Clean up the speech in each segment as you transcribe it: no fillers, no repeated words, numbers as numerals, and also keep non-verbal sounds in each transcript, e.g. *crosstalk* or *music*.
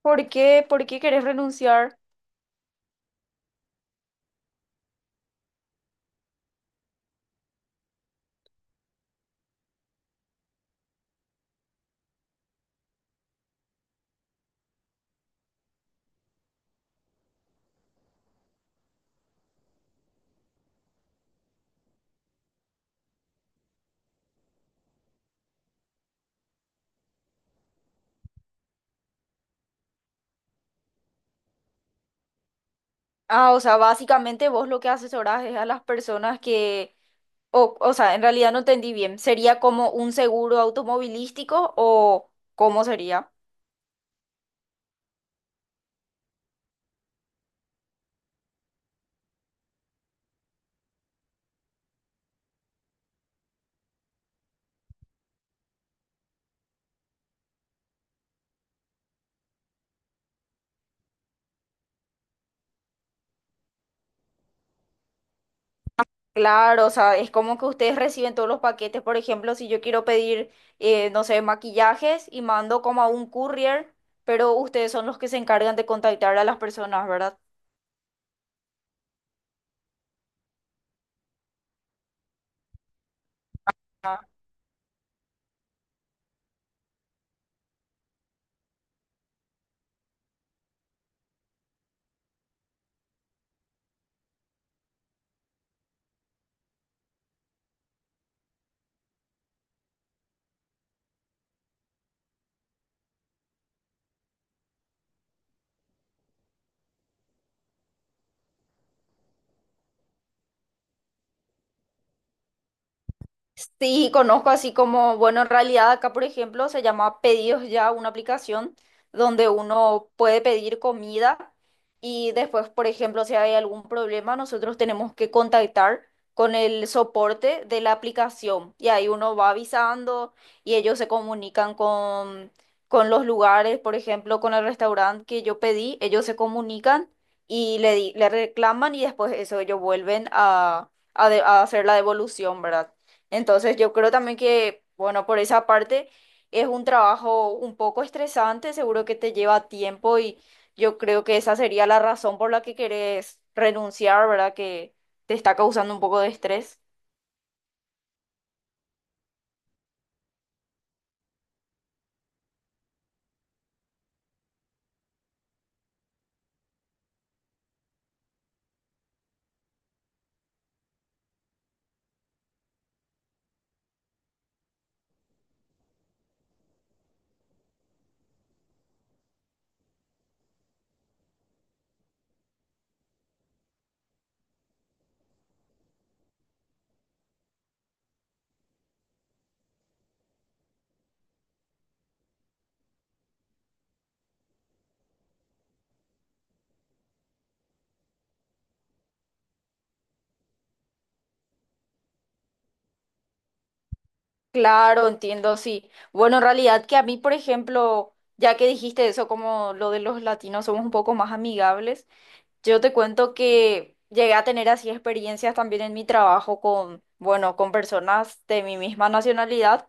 ¿Por qué? ¿Por qué querés renunciar? Ah, o sea, básicamente vos lo que asesorás es a las personas que, o sea, en realidad no entendí bien. ¿Sería como un seguro automovilístico o cómo sería? Claro, o sea, es como que ustedes reciben todos los paquetes. Por ejemplo, si yo quiero pedir, no sé, maquillajes y mando como a un courier, pero ustedes son los que se encargan de contactar a las personas, ¿verdad? Sí, conozco así como, bueno, en realidad acá, por ejemplo, se llama Pedidos Ya, una aplicación donde uno puede pedir comida y después, por ejemplo, si hay algún problema, nosotros tenemos que contactar con el soporte de la aplicación y ahí uno va avisando y ellos se comunican con los lugares, por ejemplo, con el restaurante que yo pedí, ellos se comunican y le, le reclaman y después eso ellos vuelven a hacer la devolución, ¿verdad? Entonces yo creo también que, bueno, por esa parte es un trabajo un poco estresante, seguro que te lleva tiempo y yo creo que esa sería la razón por la que querés renunciar, ¿verdad? Que te está causando un poco de estrés. Claro, entiendo, sí. Bueno, en realidad que a mí, por ejemplo, ya que dijiste eso, como lo de los latinos somos un poco más amigables, yo te cuento que llegué a tener así experiencias también en mi trabajo con, bueno, con personas de mi misma nacionalidad,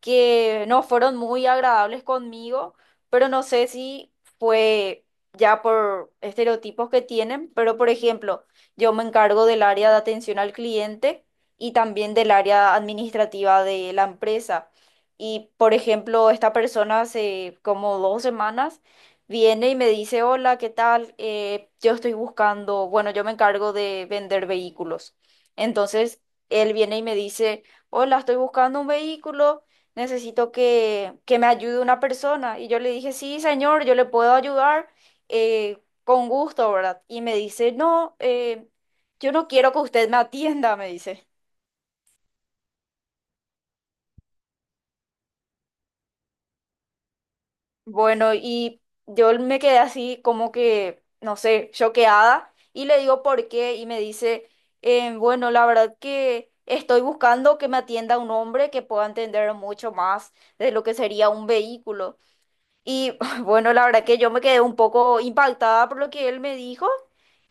que no fueron muy agradables conmigo, pero no sé si fue ya por estereotipos que tienen, pero por ejemplo, yo me encargo del área de atención al cliente y también del área administrativa de la empresa. Y por ejemplo, esta persona hace como dos semanas viene y me dice, hola, ¿qué tal? Yo estoy buscando, bueno, yo me encargo de vender vehículos. Entonces, él viene y me dice, hola, estoy buscando un vehículo, necesito que me ayude una persona. Y yo le dije, sí, señor, yo le puedo ayudar con gusto, ¿verdad? Y me dice, no, yo no quiero que usted me atienda, me dice. Bueno, y yo me quedé así como que, no sé, choqueada y le digo por qué y me dice, bueno, la verdad que... estoy buscando que me atienda un hombre que pueda entender mucho más de lo que sería un vehículo." Y *laughs* bueno, la verdad que yo me quedé un poco impactada por lo que él me dijo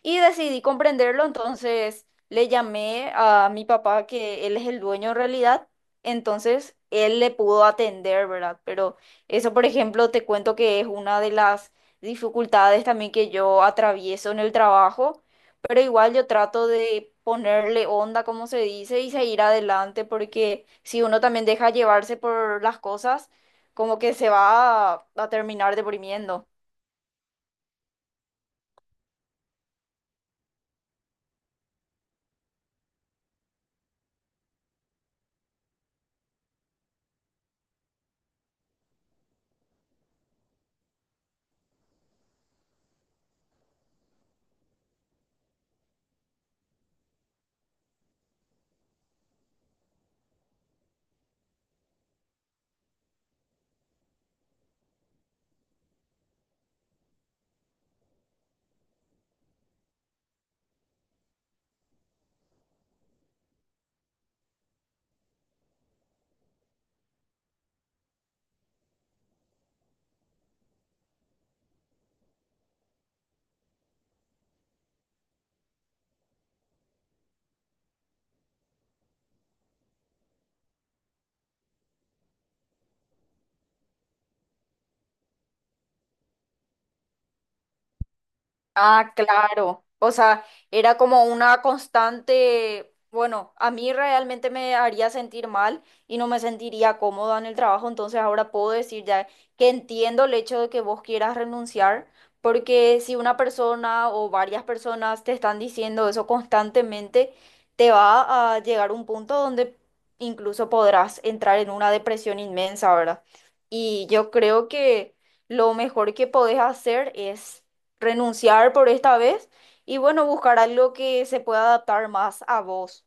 y decidí comprenderlo. Entonces le llamé a mi papá, que él es el dueño en realidad. Entonces él le pudo atender, ¿verdad? Pero eso, por ejemplo, te cuento que es una de las dificultades también que yo atravieso en el trabajo. Pero igual yo trato de ponerle onda, como se dice, y seguir adelante, porque si uno también deja llevarse por las cosas, como que se va a terminar deprimiendo. Ah, claro. O sea, era como una constante, bueno, a mí realmente me haría sentir mal y no me sentiría cómoda en el trabajo, entonces ahora puedo decir ya que entiendo el hecho de que vos quieras renunciar, porque si una persona o varias personas te están diciendo eso constantemente, te va a llegar un punto donde incluso podrás entrar en una depresión inmensa, ¿verdad? Y yo creo que lo mejor que podés hacer es renunciar por esta vez y bueno, buscar algo que se pueda adaptar más a vos.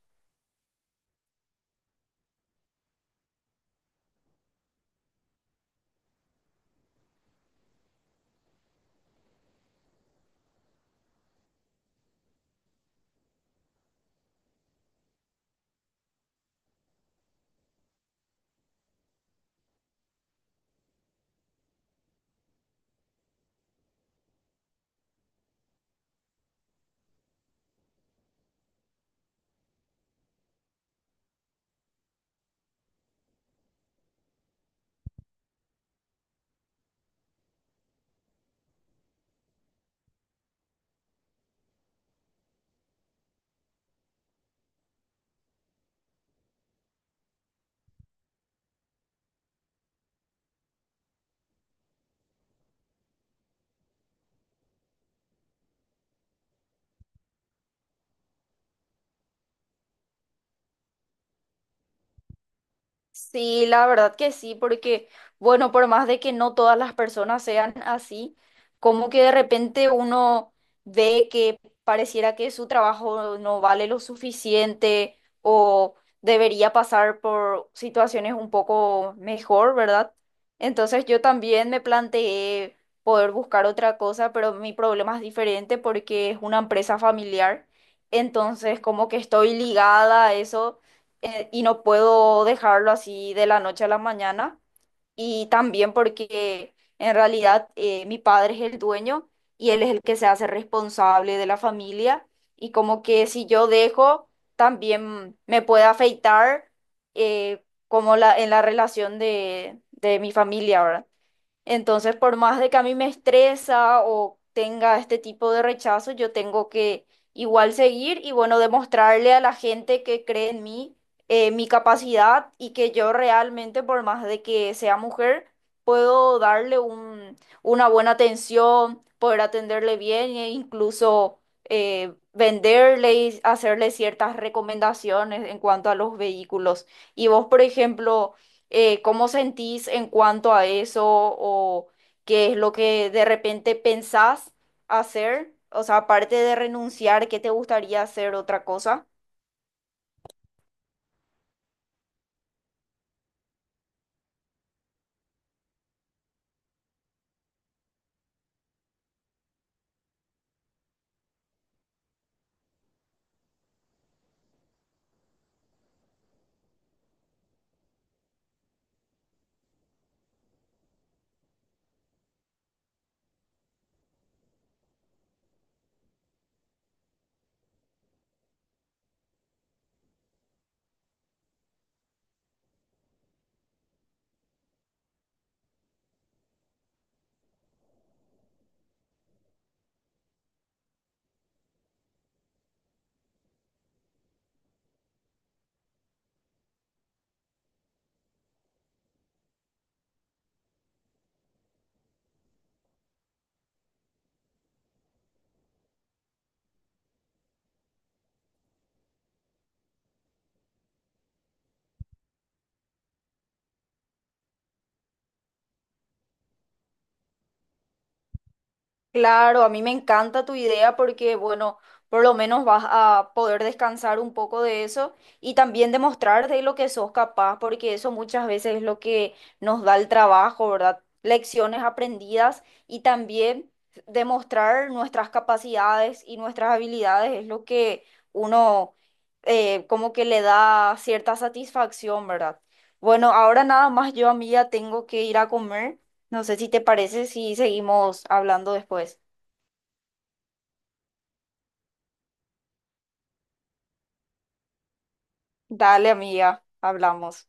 Sí, la verdad que sí, porque, bueno, por más de que no todas las personas sean así, como que de repente uno ve que pareciera que su trabajo no vale lo suficiente o debería pasar por situaciones un poco mejor, ¿verdad? Entonces yo también me planteé poder buscar otra cosa, pero mi problema es diferente porque es una empresa familiar, entonces como que estoy ligada a eso, y no puedo dejarlo así de la noche a la mañana. Y también porque en realidad mi padre es el dueño y él es el que se hace responsable de la familia. Y como que si yo dejo, también me puede afectar como la, en la relación de mi familia, ¿verdad? Entonces, por más de que a mí me estresa o tenga este tipo de rechazo, yo tengo que igual seguir y bueno, demostrarle a la gente que cree en mí mi capacidad y que yo realmente, por más de que sea mujer, puedo darle un, una buena atención, poder atenderle bien e incluso venderle y hacerle ciertas recomendaciones en cuanto a los vehículos. Y vos, por ejemplo, ¿cómo sentís en cuanto a eso o qué es lo que de repente pensás hacer? O sea, aparte de renunciar, ¿qué te gustaría hacer otra cosa? Claro, a mí me encanta tu idea porque, bueno, por lo menos vas a poder descansar un poco de eso y también demostrar de lo que sos capaz, porque eso muchas veces es lo que nos da el trabajo, ¿verdad? Lecciones aprendidas y también demostrar nuestras capacidades y nuestras habilidades es lo que uno, como que le da cierta satisfacción, ¿verdad? Bueno, ahora nada más yo, amiga, tengo que ir a comer. No sé si te parece si seguimos hablando después. Dale, amiga, hablamos.